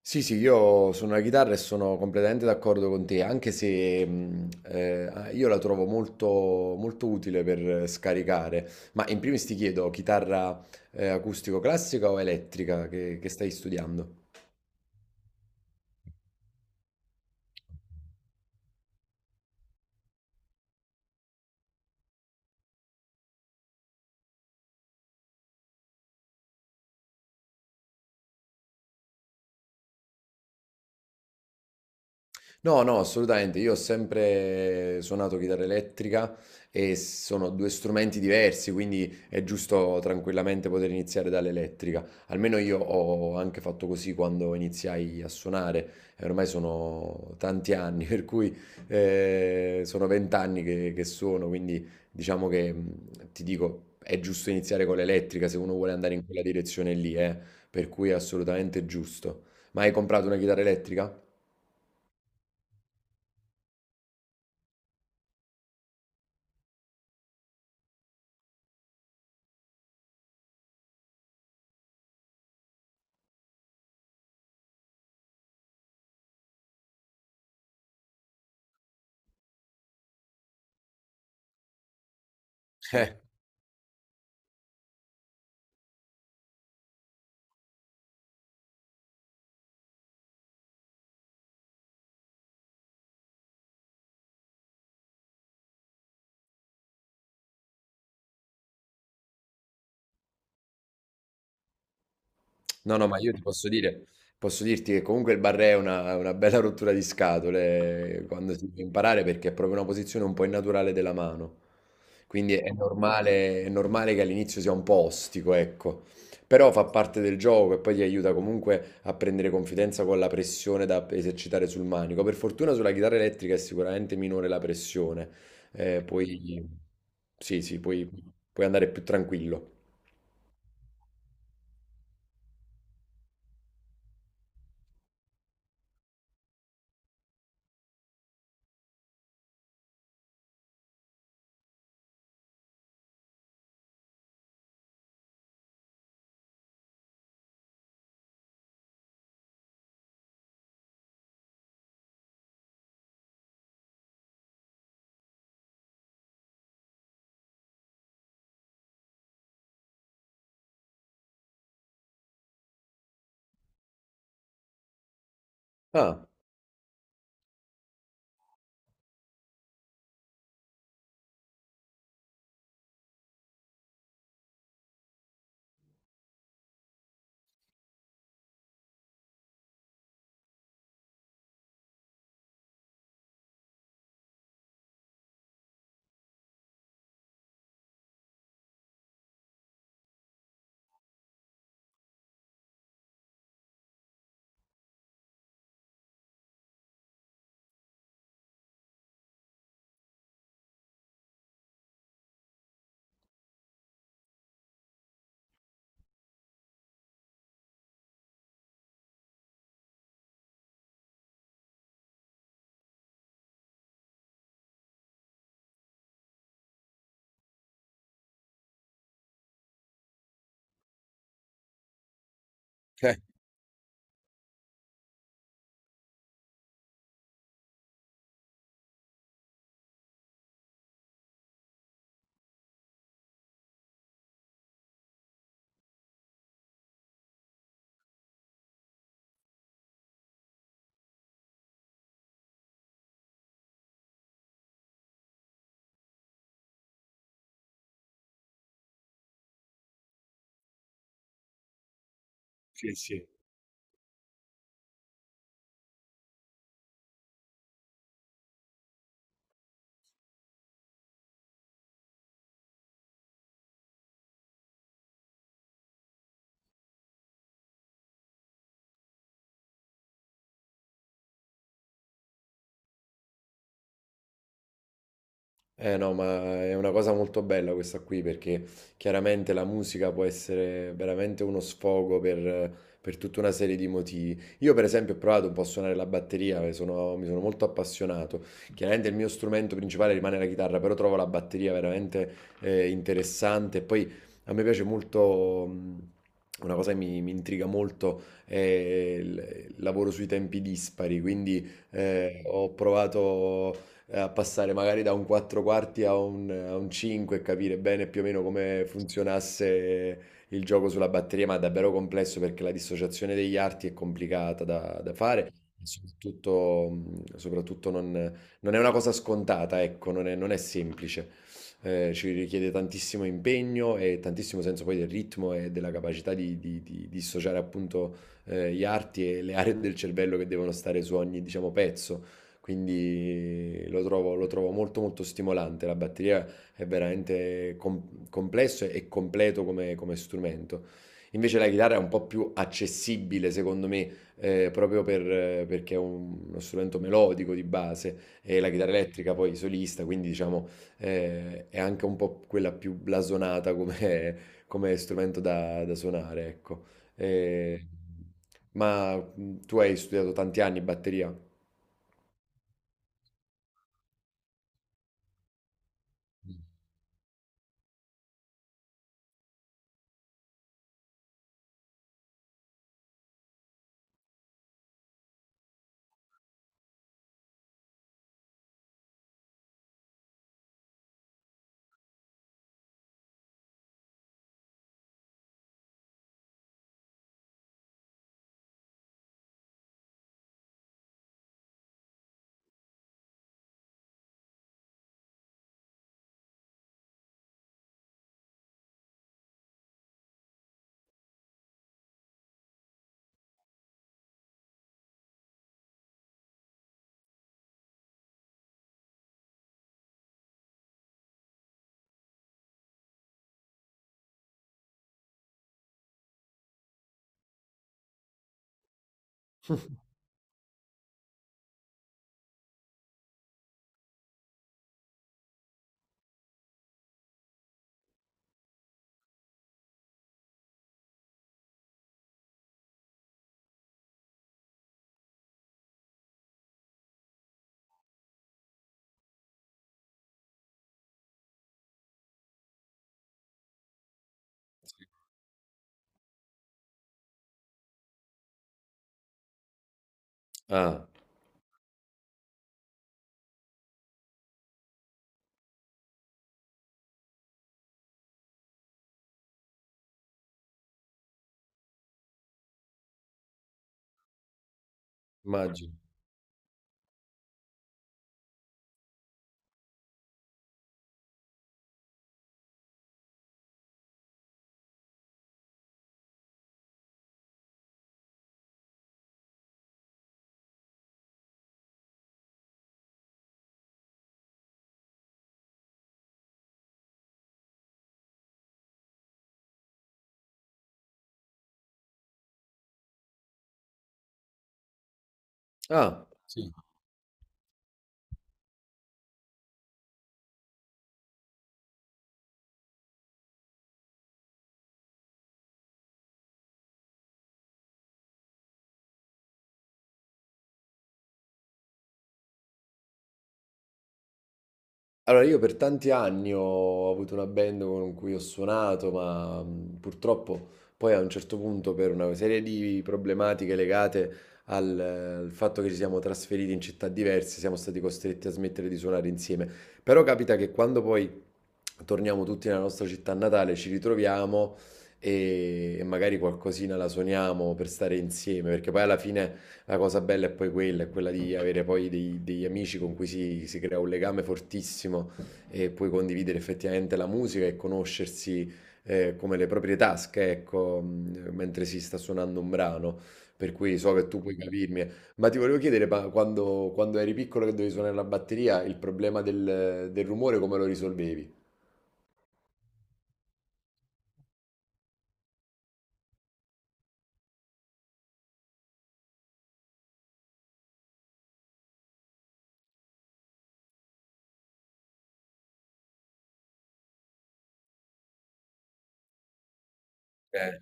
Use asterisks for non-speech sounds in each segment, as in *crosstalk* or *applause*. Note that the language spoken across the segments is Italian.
Sì, sì, io suono la chitarra e sono completamente d'accordo con te, anche se io la trovo molto, molto utile per scaricare. Ma in primis ti chiedo, chitarra acustico-classica o elettrica che stai studiando? No, no, assolutamente. Io ho sempre suonato chitarra elettrica e sono due strumenti diversi, quindi è giusto tranquillamente poter iniziare dall'elettrica. Almeno io ho anche fatto così quando iniziai a suonare. E ormai sono tanti anni, *laughs* per cui sono 20 anni che suono, quindi diciamo che ti dico, è giusto iniziare con l'elettrica se uno vuole andare in quella direzione lì, eh. Per cui è assolutamente giusto. Ma hai comprato una chitarra elettrica? *laughs* No, no, ma io ti posso dire, posso dirti che comunque il barré è una bella rottura di scatole quando si deve imparare perché è proprio una posizione un po' innaturale della mano. Quindi è normale che all'inizio sia un po' ostico, ecco. Però fa parte del gioco e poi ti aiuta comunque a prendere confidenza con la pressione da esercitare sul manico. Per fortuna sulla chitarra elettrica è sicuramente minore la pressione. Poi sì, sì, puoi andare più tranquillo. Ah, eh, sì, sì. Eh no, ma è una cosa molto bella questa qui perché chiaramente la musica può essere veramente uno sfogo per tutta una serie di motivi. Io per esempio ho provato un po' a suonare la batteria, mi sono molto appassionato. Chiaramente il mio strumento principale rimane la chitarra, però trovo la batteria veramente interessante. E poi a me piace molto, una cosa che mi intriga molto è il lavoro sui tempi dispari, quindi ho provato a passare magari da un 4 quarti a un 5 e capire bene più o meno come funzionasse il gioco sulla batteria, ma è davvero complesso perché la dissociazione degli arti è complicata da fare. E soprattutto, soprattutto non è una cosa scontata, ecco, non è semplice. Ci richiede tantissimo impegno e tantissimo senso poi del ritmo e della capacità di dissociare appunto gli arti e le aree del cervello che devono stare su ogni, diciamo, pezzo, quindi lo trovo molto molto stimolante. La batteria è veramente complesso e completo come strumento. Invece la chitarra è un po' più accessibile, secondo me, proprio perché è uno strumento melodico di base e la chitarra elettrica poi solista, quindi diciamo è anche un po' quella più blasonata come strumento da suonare, ecco. Eh, ma tu hai studiato tanti anni batteria? Ah. Immagino. Ah, sì. Allora io per tanti anni ho avuto una band con cui ho suonato, ma purtroppo poi a un certo punto per una serie di problematiche legate al fatto che ci siamo trasferiti in città diverse, siamo stati costretti a smettere di suonare insieme. Però capita che quando poi torniamo tutti nella nostra città natale ci ritroviamo e magari qualcosina la suoniamo per stare insieme, perché poi alla fine la cosa bella è poi quella, è quella di avere poi degli amici con cui si crea un legame fortissimo e puoi condividere effettivamente la musica e conoscersi come le proprie tasche, ecco, mentre si sta suonando un brano. Per cui so che tu puoi capirmi. Ma ti volevo chiedere, ma quando eri piccolo che dovevi suonare la batteria, il problema del rumore come lo risolvevi? Eh,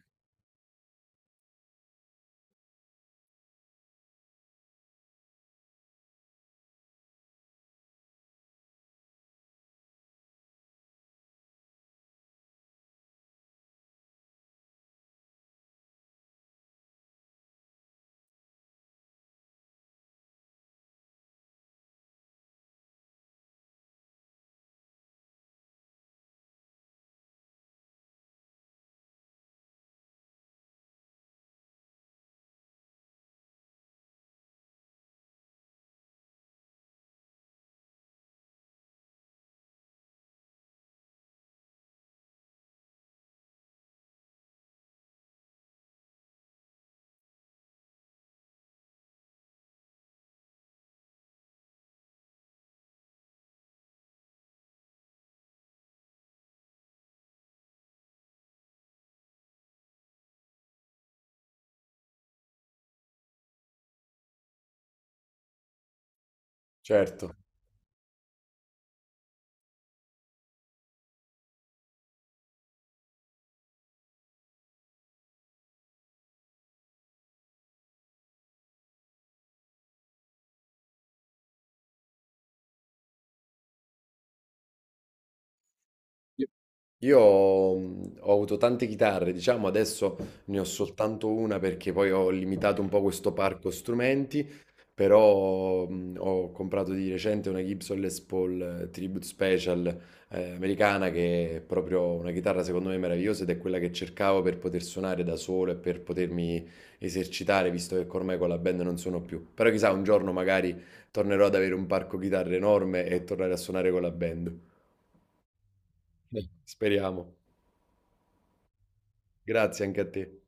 Certo. Io ho avuto tante chitarre, diciamo adesso ne ho soltanto una perché poi ho limitato un po' questo parco strumenti, però ho comprato di recente una Gibson Les Paul Tribute Special americana che è proprio una chitarra secondo me meravigliosa ed è quella che cercavo per poter suonare da solo e per potermi esercitare, visto che ormai con la band non suono più. Però chissà, un giorno magari tornerò ad avere un parco chitarre enorme e tornare a suonare con la band. Speriamo. Grazie anche a te.